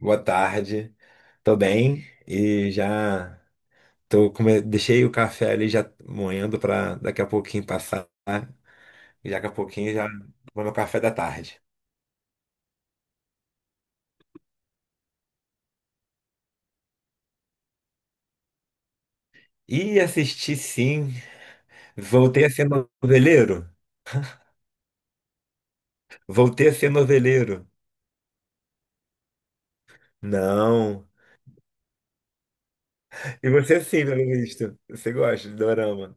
Boa tarde. Tô bem e já tô come... deixei o café ali já moendo para daqui a pouquinho passar. E daqui a pouquinho já vou no café da tarde. E assisti sim. Voltei a ser noveleiro. Voltei a ser noveleiro. Não. E você sim, pelo visto. Você gosta de dorama.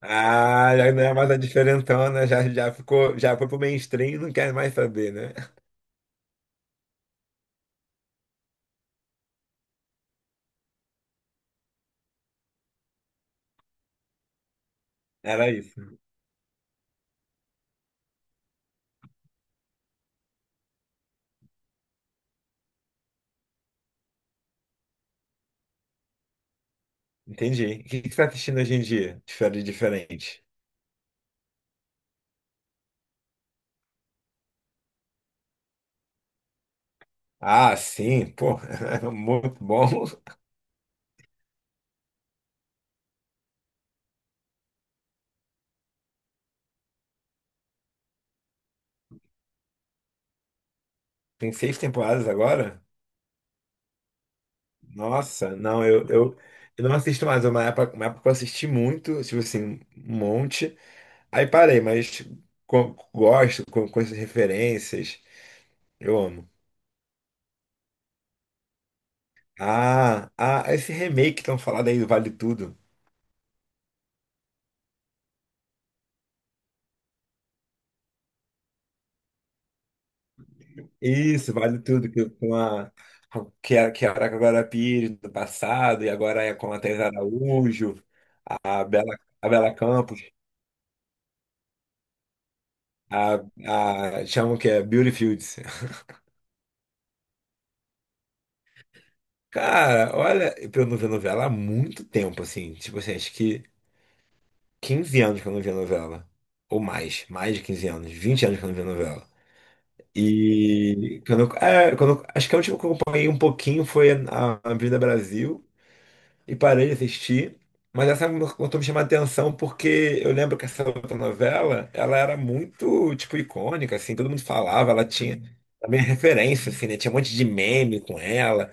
Ah, já não é mais a diferentona, já, já ficou, já foi pro mainstream e não quer mais saber, né? Era isso. Entendi. O que que você tá assistindo hoje em dia? Diferente, diferente. Ah, sim, pô, é muito bom. Tem seis temporadas agora? Nossa, não, eu não assisto mais. É uma época, uma época eu assisti muito, tipo assim, um monte. Aí parei, mas gosto, com essas referências. Eu amo. Esse remake que estão falando aí do Vale Tudo. Isso, Vale Tudo, que com a. Que era com a Glória Pires do passado, e agora é com a Thais Araújo. A Bela Campos, a, a chamam que é Beauty Fields. Cara, olha, pra eu não ver novela há muito tempo, assim. Tipo assim, acho que 15 anos que eu não via novela. Ou mais, mais de 15 anos, 20 anos que eu não via novela. E quando, quando acho que a última que eu acompanhei um pouquinho foi a Avenida Brasil. E parei de assistir. Mas começou a me chamar a atenção porque eu lembro que essa outra novela, ela era muito, tipo, icônica, assim, todo mundo falava, ela tinha também referência, assim, né? Tinha um monte de meme com ela.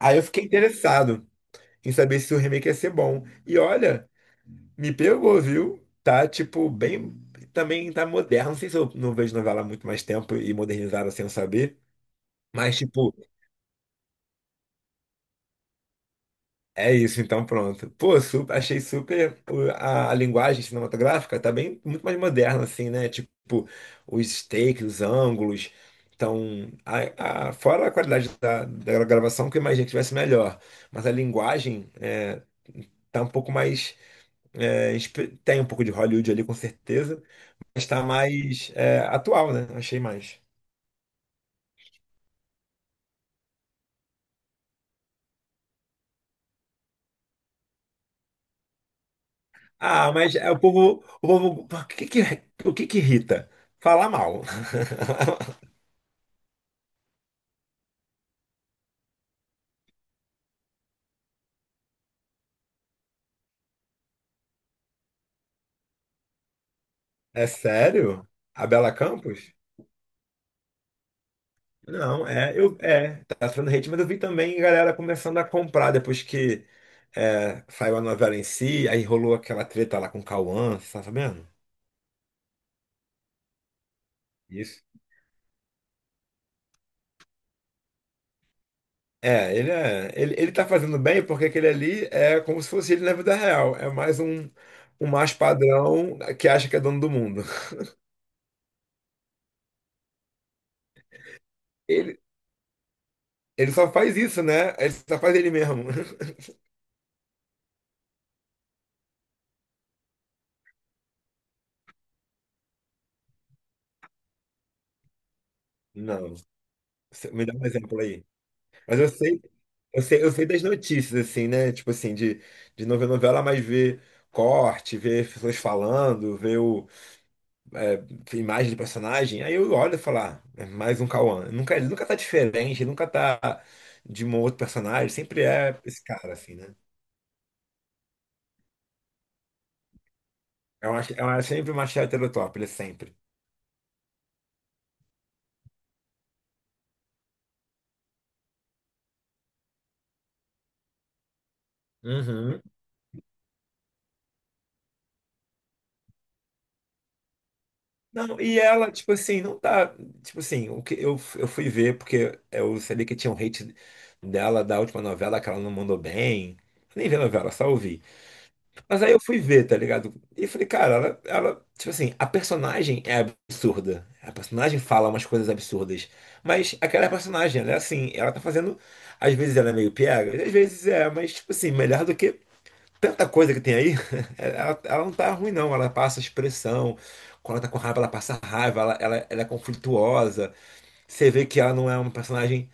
Aí eu fiquei interessado em saber se o remake ia ser bom. E olha, me pegou, viu? Tá, tipo, bem... Também tá moderno, não sei se eu não vejo novela há muito mais tempo e modernizaram sem eu saber, mas, tipo, é isso, então pronto. Pô, super, achei super pô, a linguagem cinematográfica tá bem muito mais moderna assim, né? Tipo, os takes, os ângulos. Então, fora a qualidade da gravação, que eu imaginei que tivesse melhor, mas a linguagem tá um pouco mais tem um pouco de Hollywood ali com certeza, mas tá mais é, atual, né? Achei mais. Ah, mas é, o povo, o povo, o que que irrita? Falar mal. É sério? A Bela Campos? Não, é, é, tá sendo hate, mas eu vi também galera começando a comprar depois que é, saiu a novela em si, aí rolou aquela treta lá com o Cauã, você tá sabendo? Isso. É, ele tá fazendo bem porque aquele ali é como se fosse ele na vida real, é mais um, um macho padrão que acha que é dono do mundo. Ele, Ele só faz isso, né? Ele só faz ele mesmo. Não, me dá um exemplo aí. Mas eu sei eu sei das notícias, assim, né? Tipo assim, de não ver novela, mas ver corte, ver pessoas falando, é, imagem do personagem. Aí eu olho e falo, ah, é mais um Cauã. Nunca, ele nunca tá diferente, ele nunca tá de um outro personagem. Sempre é esse cara, assim, né? É, é sempre uma hétero top, ele é sempre. Uhum. Não, e ela, tipo assim, não tá. Tipo assim, eu fui ver, porque eu sabia que tinha um hate dela da última novela que ela não mandou bem. Eu nem vi a novela, só ouvi. Mas aí eu fui ver, tá ligado? E falei, cara, ela, tipo assim, a personagem é absurda. A personagem fala umas coisas absurdas. Mas aquela personagem, ela é assim, ela tá fazendo. Às vezes ela é meio piega, às vezes é, mas, tipo assim, melhor do que tanta coisa que tem aí. Ela não tá ruim, não. Ela passa expressão. Quando ela tá com raiva, ela passa raiva, ela é conflituosa. Você vê que ela não é uma personagem.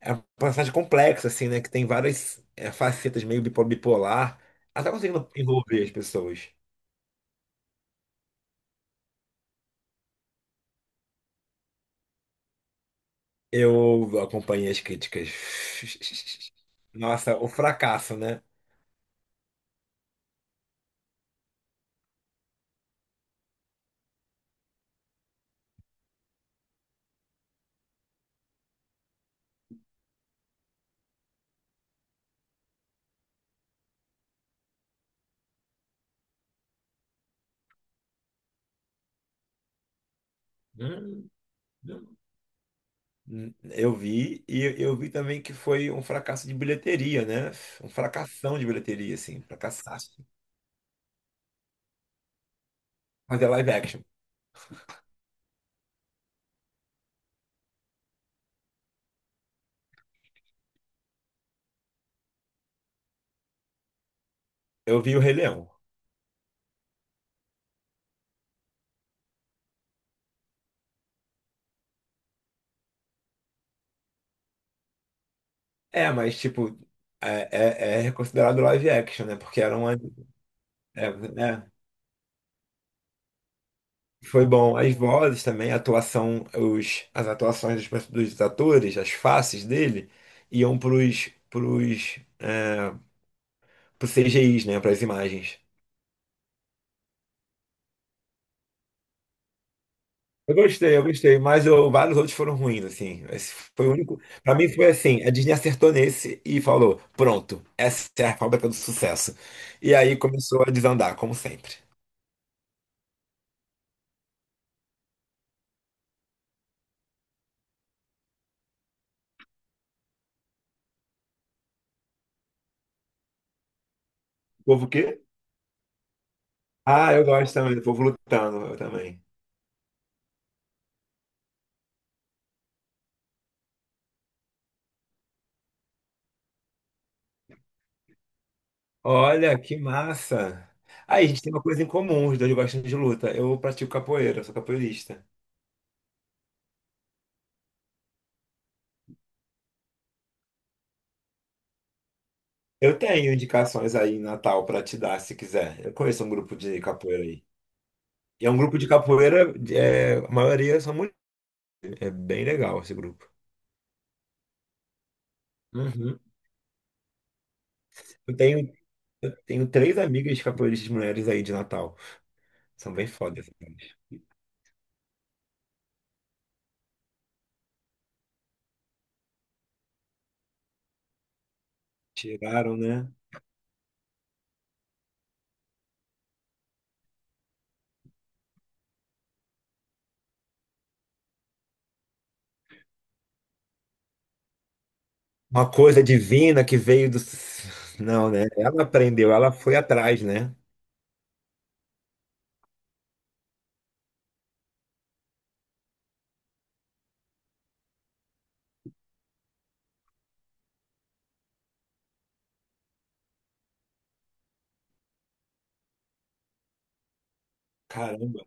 É uma personagem complexa, assim, né? Que tem várias é, facetas meio bipolar. Ela tá conseguindo envolver as pessoas. Eu acompanhei as críticas. Nossa, o fracasso, né? Hum, Eu vi, e eu vi também que foi um fracasso de bilheteria, né? Um fracasção de bilheteria, assim, fracassaço. Mas é live action. Eu vi o Rei Leão. É, mas, tipo, é, é reconsiderado live action, né? Porque era uma. É, né? Foi bom. As vozes também, a atuação, as atuações dos, dos atores, as faces dele, iam pros CGIs, né? Para as imagens. Eu gostei, mas vários outros foram ruins, assim. Esse foi o único. Pra mim foi assim, a Disney acertou nesse e falou: pronto, essa é a fábrica do sucesso. E aí começou a desandar, como sempre. O povo o quê? Ah, eu gosto também, do povo lutando, eu também. Olha, que massa! Aí, a gente tem uma coisa em comum, os dois gostam de luta. Eu pratico capoeira, sou capoeirista. Eu tenho indicações aí em Natal para te dar, se quiser. Eu conheço um grupo de capoeira aí. E é um grupo de capoeira, é, a maioria são mulheres. É bem legal esse grupo. Uhum. Eu tenho, eu tenho três amigas capoeiristas mulheres aí de Natal. São bem fodas. Essas mulheres. Tiraram, né? Uma coisa divina que veio do. Não, né? Ela aprendeu, ela foi atrás, né? Caramba.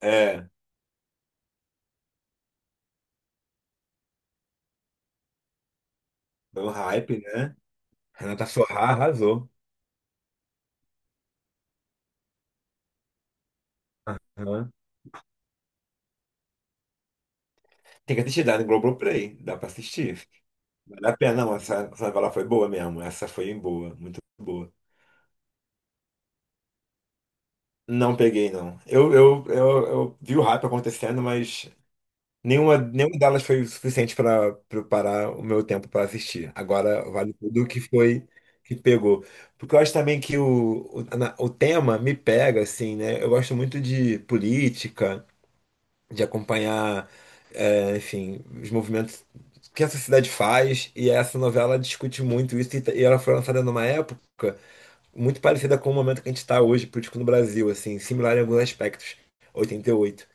É. É um hype, né? Renata Sorrah arrasou. Aham. Tem que assistir, dá no Globoplay, dá pra assistir. Vale a pena, não, essa novela foi boa mesmo, essa foi boa, muito boa. Não peguei, não. Eu, eu vi o hype acontecendo, mas nenhuma delas foi o suficiente para preparar o meu tempo para assistir. Agora vale tudo o que foi que pegou. Porque eu acho também que o tema me pega, assim, né? Eu gosto muito de política, de acompanhar, é, enfim, os movimentos que a sociedade faz, e essa novela discute muito isso, e ela foi lançada numa época muito parecida com o momento que a gente está hoje, político no Brasil, assim, similar em alguns aspectos, 88,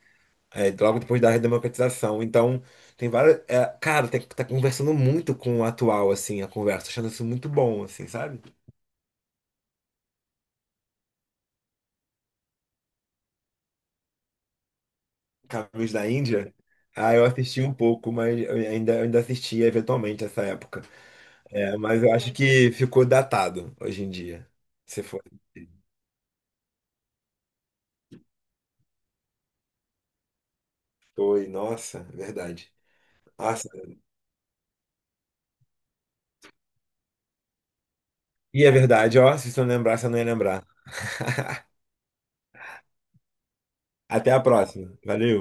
é, logo depois da redemocratização, então tem várias, é, cara, tem, tá conversando muito com o atual, assim, a conversa, achando isso muito bom, assim, sabe? Caminhos da Índia, ah, eu assisti um pouco, mas eu ainda assistia eventualmente essa época. É, mas eu acho que ficou datado hoje em dia. Você for. Foi, nossa, verdade. Nossa. E é verdade, ó. Se você não lembrasse, eu não ia lembrar. Até a próxima. Valeu.